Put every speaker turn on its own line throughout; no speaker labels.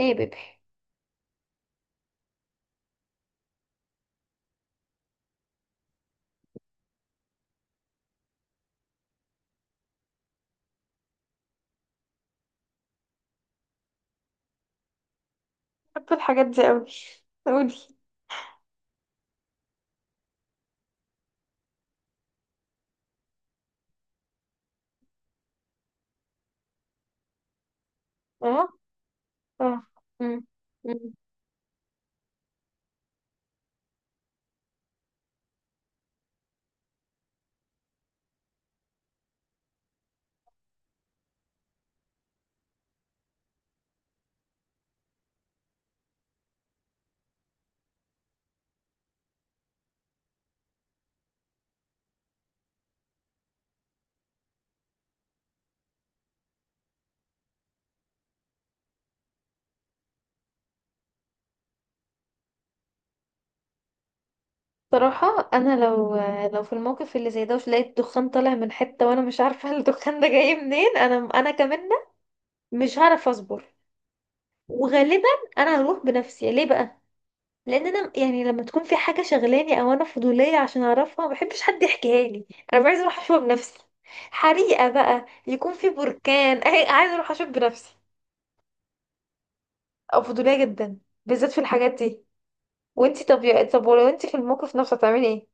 ايه يا بيبي. بحب الحاجات دي قوي. قولي. اه، اه. مم. مم. صراحة أنا لو في الموقف اللي زي ده وش لقيت دخان طالع من حتة وأنا مش عارفة الدخان ده جاي منين، أنا كمان مش هعرف أصبر. وغالبا أنا هروح بنفسي. ليه بقى؟ لأن أنا يعني لما تكون في حاجة شغلاني أو أنا فضولية عشان أعرفها ما بحبش حد يحكيها لي. أنا عايزة أروح أشوفها بنفسي. حريقة بقى يكون في بركان عايزة أروح أشوف بنفسي. أو فضولية جدا، بالذات في الحاجات دي. وانت طب ولو انت في الموقف نفسه هتعملي ايه؟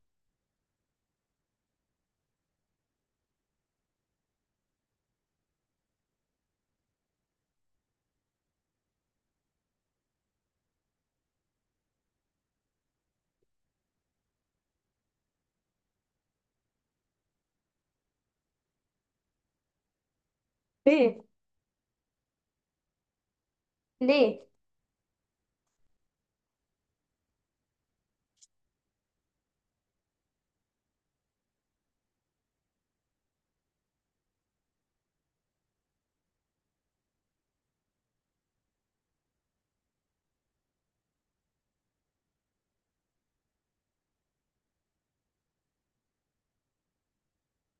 ليه؟ ليه؟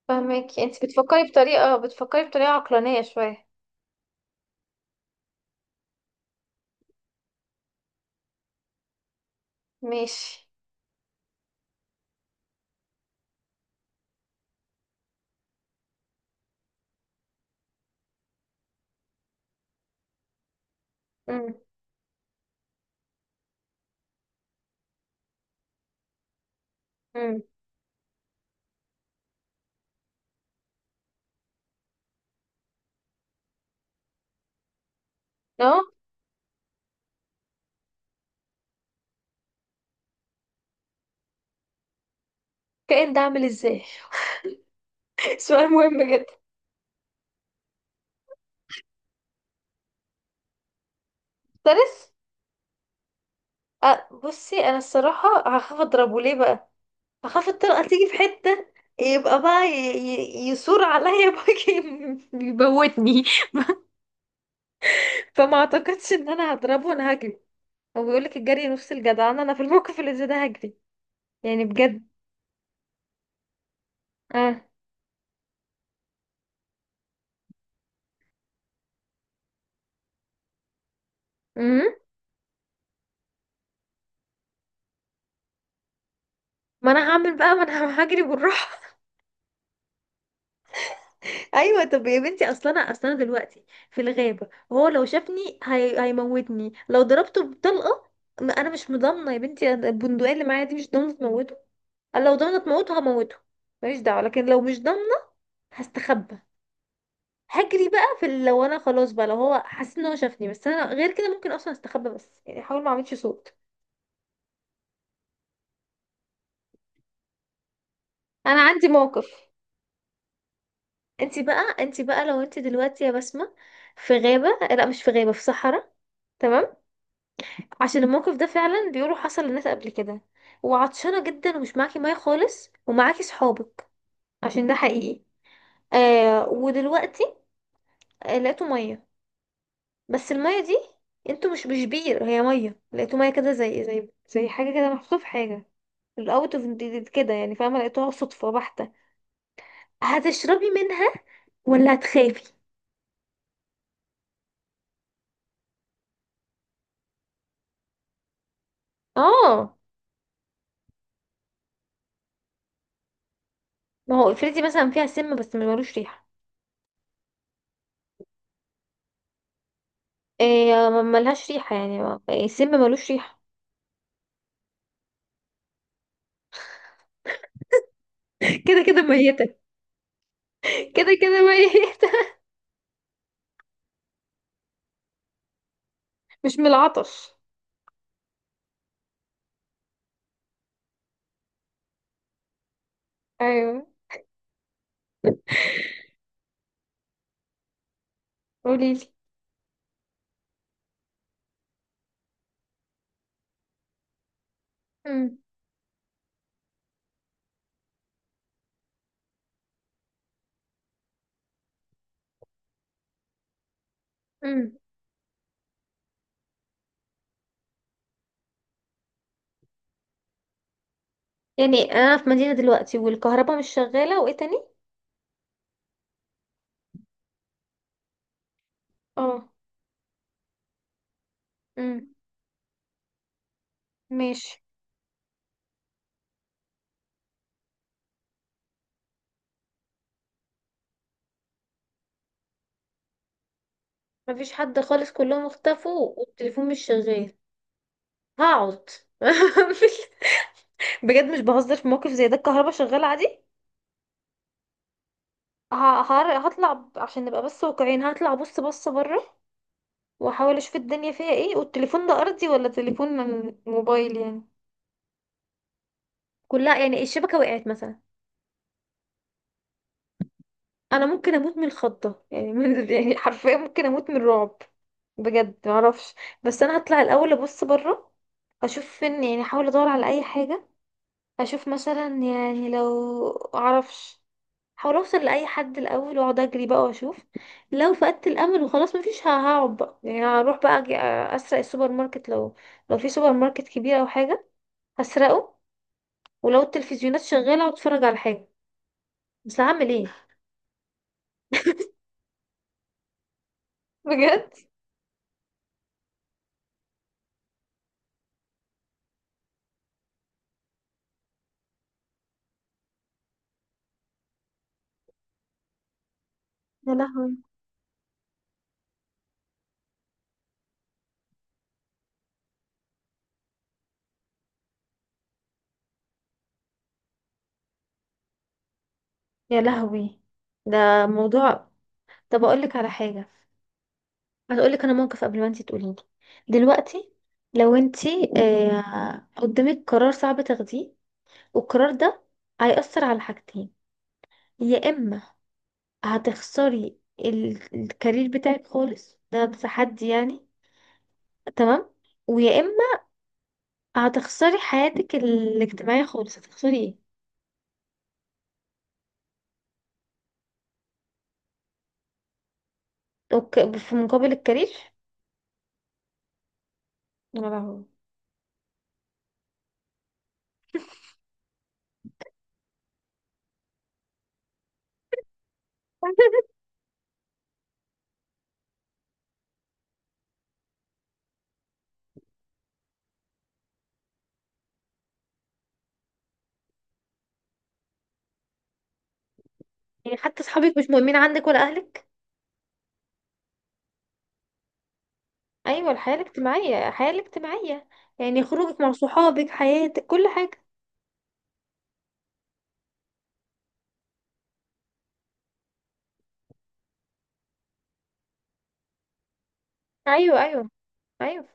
فاهمك. انت بتفكري بطريقه، بتفكري بطريقه عقلانيه شويه. ماشي. امم امم اهو. كائن ده عامل ازاي سؤال مهم جدا. ستريس. أه بصي، انا الصراحه هخاف اضربه. ليه بقى؟ هخاف الطلقه تيجي في حته، يبقى بقى يثور عليا بقى. يموتني. فما اعتقدش ان انا هضربه، انا هجري. هو بيقولك الجري نفس الجدعنه. انا في الموقف اللي زي ده هجري، يعني بجد. امم ما انا هعمل بقى، ما انا هجري بالراحه. ايوه طب يا بنتي، اصل انا دلوقتي في الغابه، وهو لو شافني هيموتني لو ضربته بطلقه. ما انا مش مضامنه يا بنتي البندقيه اللي معايا دي مش ضامنه تموته. أنا لو ضامنه تموته هموته، ماليش دعوه. لكن لو مش ضامنه هستخبى، هجري بقى في لو انا خلاص بقى، لو هو حاسس ان هو شافني بس انا غير كده ممكن اصلا استخبى، بس يعني احاول ما اعملش صوت. انا عندي موقف. انت بقى، لو انت دلوقتي يا بسمة في غابة، لا مش في غابة، في صحراء. تمام. عشان الموقف ده فعلا بيقولوا حصل للناس قبل كده. وعطشانة جدا ومش معاكي مية خالص ومعاكي صحابك، عشان ده حقيقي. آه ودلوقتي آه لقيتوا مية. بس المية دي انتوا مش بير، هي مية لقيتوا مية كده زي زي حاجة كده محطوطة في حاجة. الاوت اوف، كده يعني فاهمة. لقيتوها صدفة بحتة. هتشربي منها ولا هتخافي؟ اه. ما هو افرضي مثلا فيها سم بس ما ملوش ريحة. إيه ملهاش ريحة، يعني السم ملوش ريحة. كده كده ميتة. كده كده ميتة. مش من العطش. ايوه. قوليلي. امم امم يعني انا في مدينة دلوقتي والكهرباء مش شغالة وايه تاني؟ اه. امم ماشي. مفيش حد خالص، كلهم اختفوا والتليفون مش شغال. هقعد. مش- بجد مش بهزر، في موقف زي ده الكهرباء شغالة عادي. ه- هطلع عشان نبقى بس واقعيين، هطلع بص بص بره. واحاول اشوف الدنيا فيها ايه. والتليفون ده ارضي ولا تليفون من موبايل يعني؟ كلها يعني، الشبكة وقعت مثلا. انا ممكن اموت من الخضة يعني من يعني حرفيا ممكن اموت من الرعب. بجد معرفش. بس انا هطلع الاول ابص بره، اشوف فين. يعني احاول ادور على اي حاجة. اشوف مثلا، يعني لو معرفش، احاول اوصل لاي حد الاول. واقعد اجري بقى واشوف. لو فقدت الامل وخلاص مفيش، هقعد بقى. يعني هروح بقى أجي اسرق السوبر ماركت، لو في سوبر ماركت كبير او حاجة هسرقه. ولو التلفزيونات شغالة واتفرج على حاجة. بس هعمل ايه؟ بجد. يا لهوي. يا لهوي، ده موضوع. طب اقول لك على حاجه. هقول لك انا موقف قبل ما انت تقولي لي. دلوقتي لو انت آه قدامك قرار صعب تاخديه، والقرار ده هيأثر على حاجتين. يا اما هتخسري الكارير بتاعك خالص، ده تحدي يعني. تمام. ويا اما هتخسري حياتك الاجتماعيه خالص. هتخسري ايه؟ اوكي في مقابل الكارير. يا لهوي. يعني حتى اصحابك مش مهمين عندك ولا اهلك؟ ايوه الحياه الاجتماعيه، الحياه الاجتماعيه، يعني خروجك مع صحابك، حياتك كل حاجه. ايوه. ايوه. ايوه.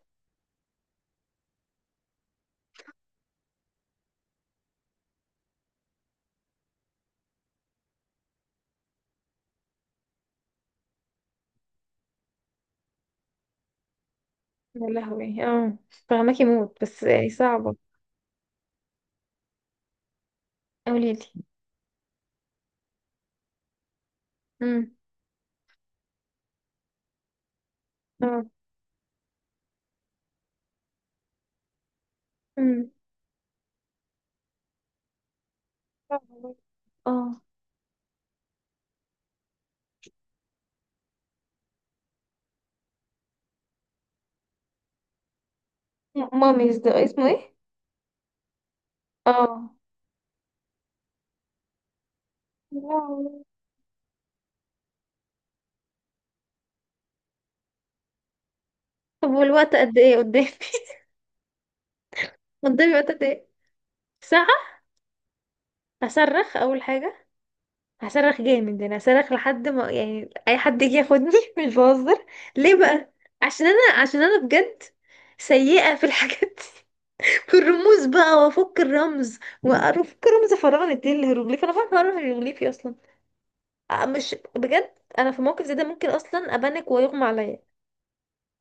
يا لهوي. اه فهماكي موت بس يعني صعبه. قولي لي. امم اه. امم اه. ماميز ده اسمه ايه؟ اه. يا لهوي. طب والوقت قد ايه قدامي؟ قدامي وقت قد ايه؟ ساعه. اصرخ اول حاجه. هصرخ جامد. انا هصرخ لحد ما يعني اي حد يجي ياخدني. مش بهزر. ليه بقى؟ عشان انا بجد سيئة في الحاجات دي. والرموز بقى، وافك الرمز، وافك رمز فراعنة دي الهيروغليف؟ انا فاهمة اعرف الهيروغليفي اصلا؟ مش بجد، انا في موقف زي ده ممكن اصلا ابانك ويغمى عليا.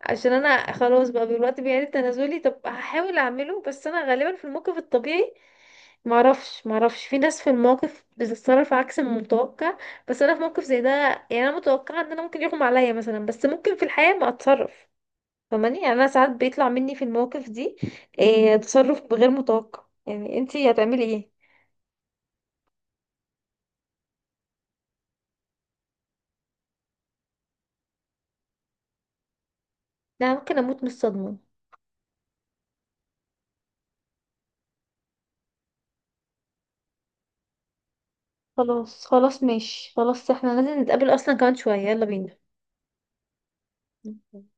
عشان انا خلاص بقى دلوقتي بيعيد تنازلي، طب هحاول اعمله. بس انا غالبا في الموقف الطبيعي معرفش، معرفش. في ناس في الموقف بتتصرف عكس المتوقع، بس انا في موقف زي ده يعني انا متوقعه ان انا ممكن يغمى عليا مثلا. بس ممكن في الحياه ما اتصرف فماني. يعني انا ساعات بيطلع مني في المواقف دي إيه تصرف غير متوقع. يعني انتي هتعملي ايه؟ لا ممكن اموت من الصدمه. خلاص خلاص ماشي خلاص، احنا لازم نتقابل اصلا كمان شويه. يلا بينا.